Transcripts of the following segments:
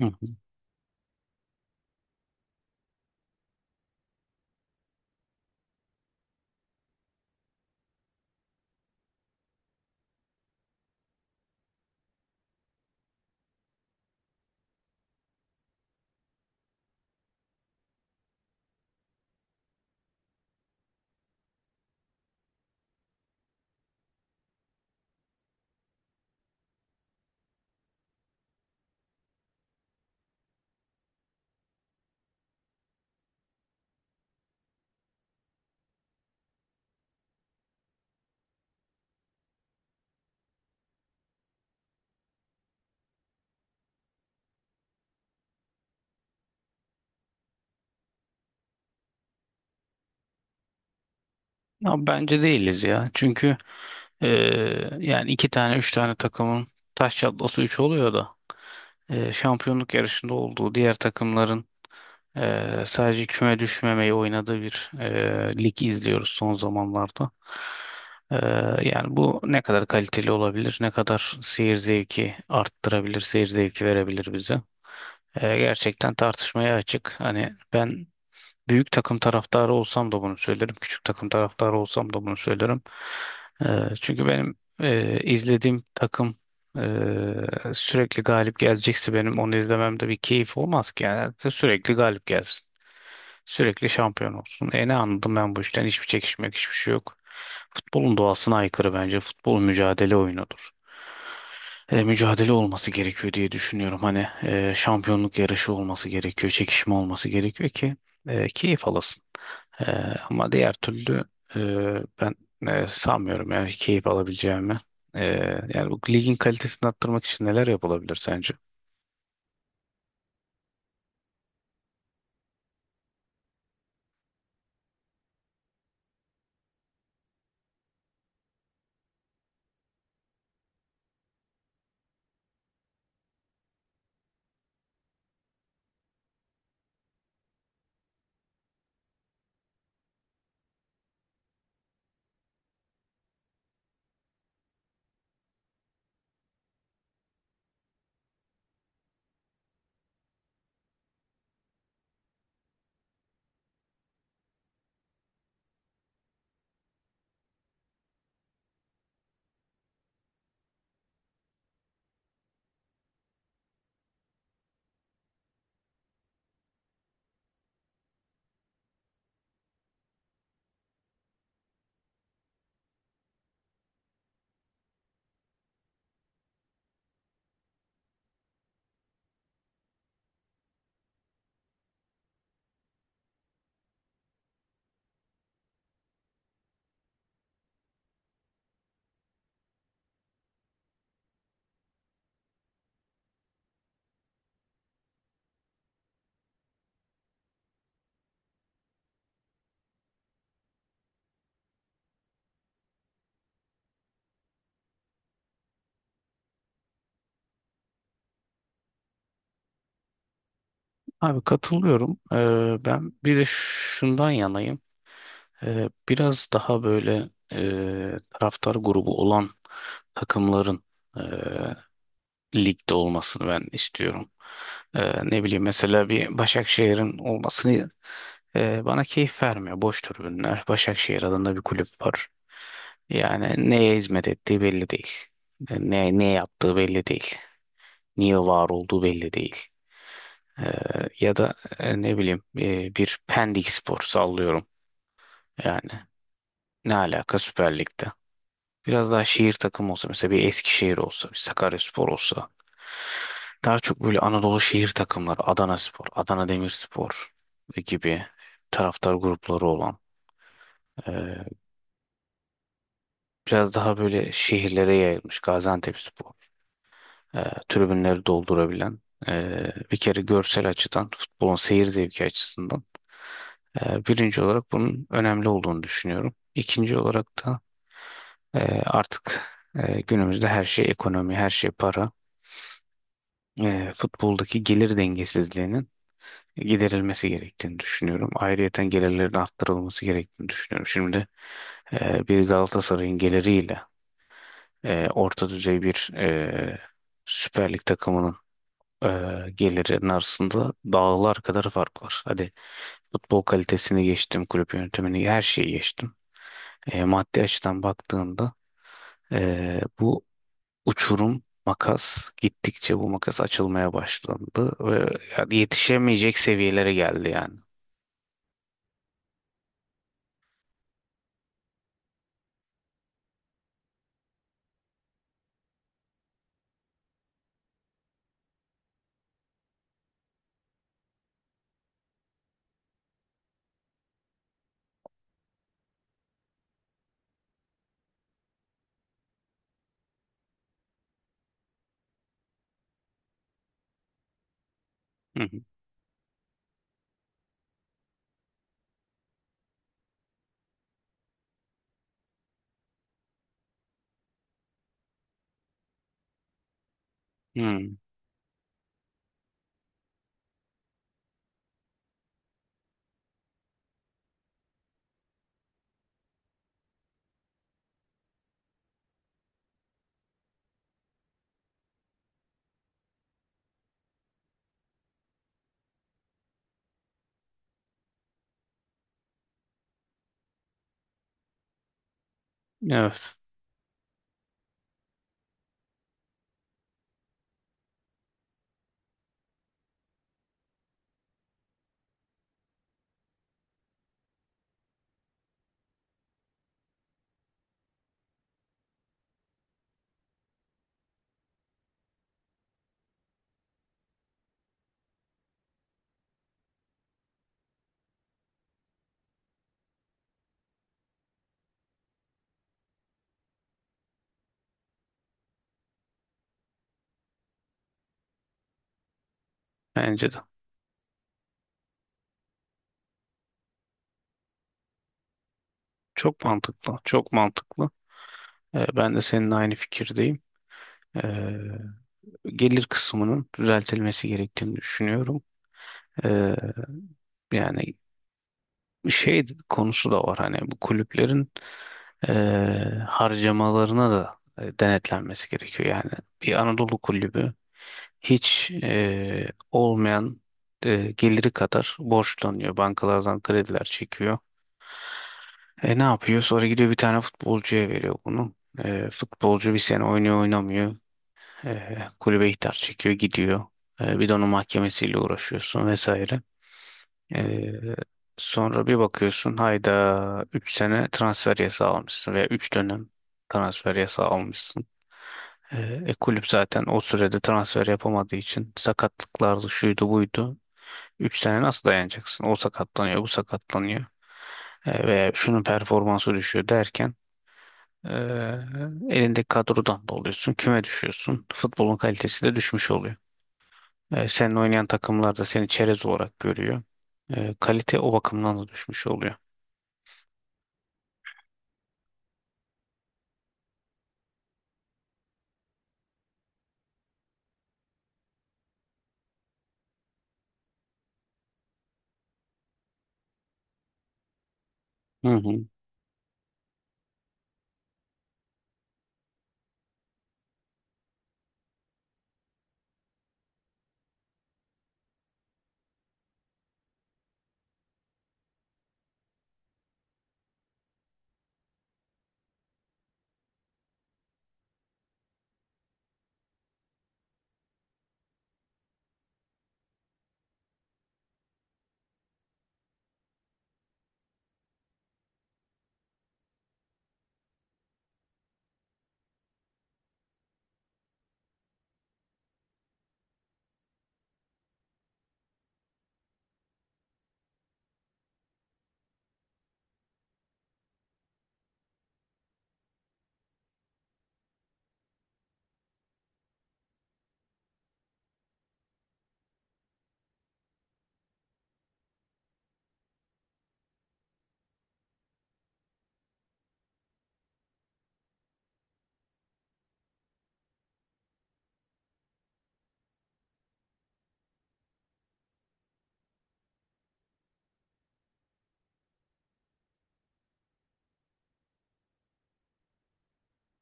Hı hı. Ya bence değiliz ya. Çünkü e, yani iki tane üç tane takımın taş çatlası üç oluyor da şampiyonluk yarışında olduğu diğer takımların sadece küme düşmemeyi oynadığı bir lig izliyoruz son zamanlarda. E, Yani bu ne kadar kaliteli olabilir, ne kadar seyir zevki arttırabilir, seyir zevki verebilir bize. Gerçekten tartışmaya açık. Hani ben büyük takım taraftarı olsam da bunu söylerim. Küçük takım taraftarı olsam da bunu söylerim. Ee, Çünkü benim izlediğim takım sürekli galip gelecekse benim onu izlememde bir keyif olmaz ki. Yani sürekli galip gelsin. Sürekli şampiyon olsun. E ne anladım ben bu işten? Hiçbir çekişmek, hiçbir şey yok. Futbolun doğasına aykırı bence. Futbol mücadele oyunudur, mücadele olması gerekiyor diye düşünüyorum. Hani şampiyonluk yarışı olması gerekiyor, çekişme olması gerekiyor ki keyif alasın. E, Ama diğer türlü e, ben sanmıyorum yani keyif alabileceğimi. E, Yani bu ligin kalitesini arttırmak için neler yapılabilir sence? Abi katılıyorum. Ben bir de şundan yanayım. Biraz daha böyle taraftar grubu olan takımların e, ligde olmasını ben istiyorum. Ne bileyim mesela bir Başakşehir'in olmasını, bana keyif vermiyor. Boş tribünler. Başakşehir adında bir kulüp var. Yani neye hizmet ettiği belli değil. Ne yaptığı belli değil. Niye var olduğu belli değil. Ee, Ya da ne bileyim, bir Pendik Spor sallıyorum. Yani ne alaka Süper Lig'de. Biraz daha şehir takımı olsa mesela bir Eskişehir olsa, bir Sakaryaspor olsa. Daha çok böyle Anadolu şehir takımları, Adanaspor, Adana Demirspor gibi taraftar grupları olan e, biraz daha böyle şehirlere yayılmış Gaziantepspor, tribünleri doldurabilen e, bir kere görsel açıdan futbolun seyir zevki açısından, birinci olarak bunun önemli olduğunu düşünüyorum. İkinci olarak da e, artık günümüzde her şey ekonomi, her şey para. Futboldaki gelir dengesizliğinin giderilmesi gerektiğini düşünüyorum. Ayrıyeten gelirlerin arttırılması gerektiğini düşünüyorum. Şimdi bir Galatasaray'ın geliriyle orta düzey bir Süper Lig takımının e, gelirinin arasında dağlar kadar fark var. Hadi futbol kalitesini geçtim, kulüp yönetimini her şeyi geçtim. Maddi açıdan baktığında, bu uçurum makas gittikçe bu makas açılmaya başlandı ve yani yetişemeyecek seviyelere geldi yani. Hı hı. Hı. Evet, bence de. Çok mantıklı, çok mantıklı. Ben de seninle aynı fikirdeyim. Ee, Gelir kısmının düzeltilmesi gerektiğini düşünüyorum. Ee, Yani şey konusu da var hani bu kulüplerin harcamalarına da denetlenmesi gerekiyor. Yani bir Anadolu kulübü hiç olmayan geliri kadar borçlanıyor. Bankalardan krediler çekiyor. E ne yapıyor? Sonra gidiyor bir tane futbolcuya veriyor bunu. E, futbolcu bir sene oynuyor oynamıyor. E, kulübe ihtar çekiyor gidiyor. E, bir de onun mahkemesiyle uğraşıyorsun vesaire. Ee, Sonra bir bakıyorsun hayda 3 sene transfer yasağı almışsın veya 3 dönem transfer yasağı almışsın. Kulüp zaten o sürede transfer yapamadığı için sakatlıklardı şuydu buydu. 3 sene nasıl dayanacaksın? O sakatlanıyor, bu sakatlanıyor. E, veya şunun performansı düşüyor derken e, elindeki kadrodan da oluyorsun. Küme düşüyorsun. Futbolun kalitesi de düşmüş oluyor. Senin oynayan takımlar da seni çerez olarak görüyor. Kalite o bakımdan da düşmüş oluyor. Hı hı.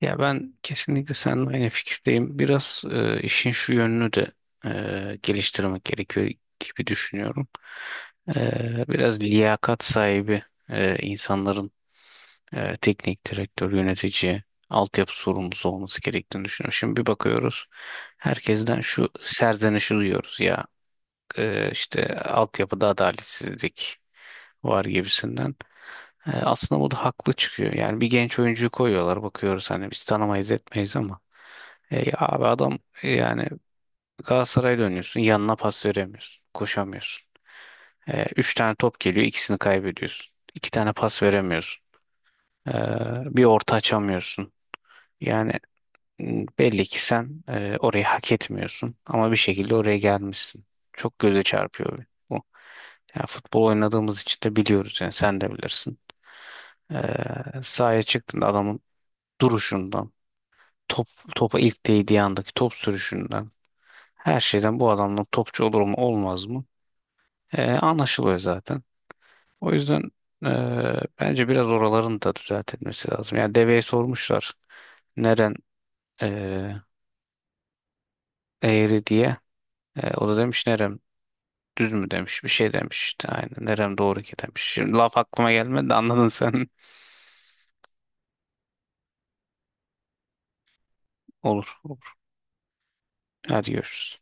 Ya ben kesinlikle seninle aynı fikirdeyim. Biraz işin şu yönünü de geliştirmek gerekiyor gibi düşünüyorum. Biraz liyakat sahibi insanların teknik direktör, yönetici, altyapı sorumlusu olması gerektiğini düşünüyorum. Şimdi bir bakıyoruz. Herkesten şu serzenişi duyuyoruz ya. İşte altyapıda adaletsizlik var gibisinden. E, aslında bu da haklı çıkıyor. Yani bir genç oyuncuyu koyuyorlar bakıyoruz hani biz tanımayız etmeyiz ama ya abi adam, yani Galatasaray'a dönüyorsun yanına pas veremiyorsun koşamıyorsun. E, üç tane top geliyor ikisini kaybediyorsun. İki tane pas veremiyorsun. E, Bir orta açamıyorsun. Yani belli ki sen orayı hak etmiyorsun ama bir şekilde oraya gelmişsin. Çok göze çarpıyor bu. Yani futbol oynadığımız için de biliyoruz yani sen de bilirsin. Sahaya çıktığında adamın duruşundan, top topa ilk değdiği andaki top sürüşünden, her şeyden bu adamın topçu olur mu olmaz mı? Anlaşılıyor zaten. O yüzden bence biraz oraların da düzeltilmesi lazım. Yani deveye sormuşlar neren ee, eğri diye. E, o da demiş nerem düz mü demiş bir şey demiş işte aynen nerem doğru ki demiş. Şimdi laf aklıma gelmedi de anladın sen. Olur olur. Hadi görüşürüz.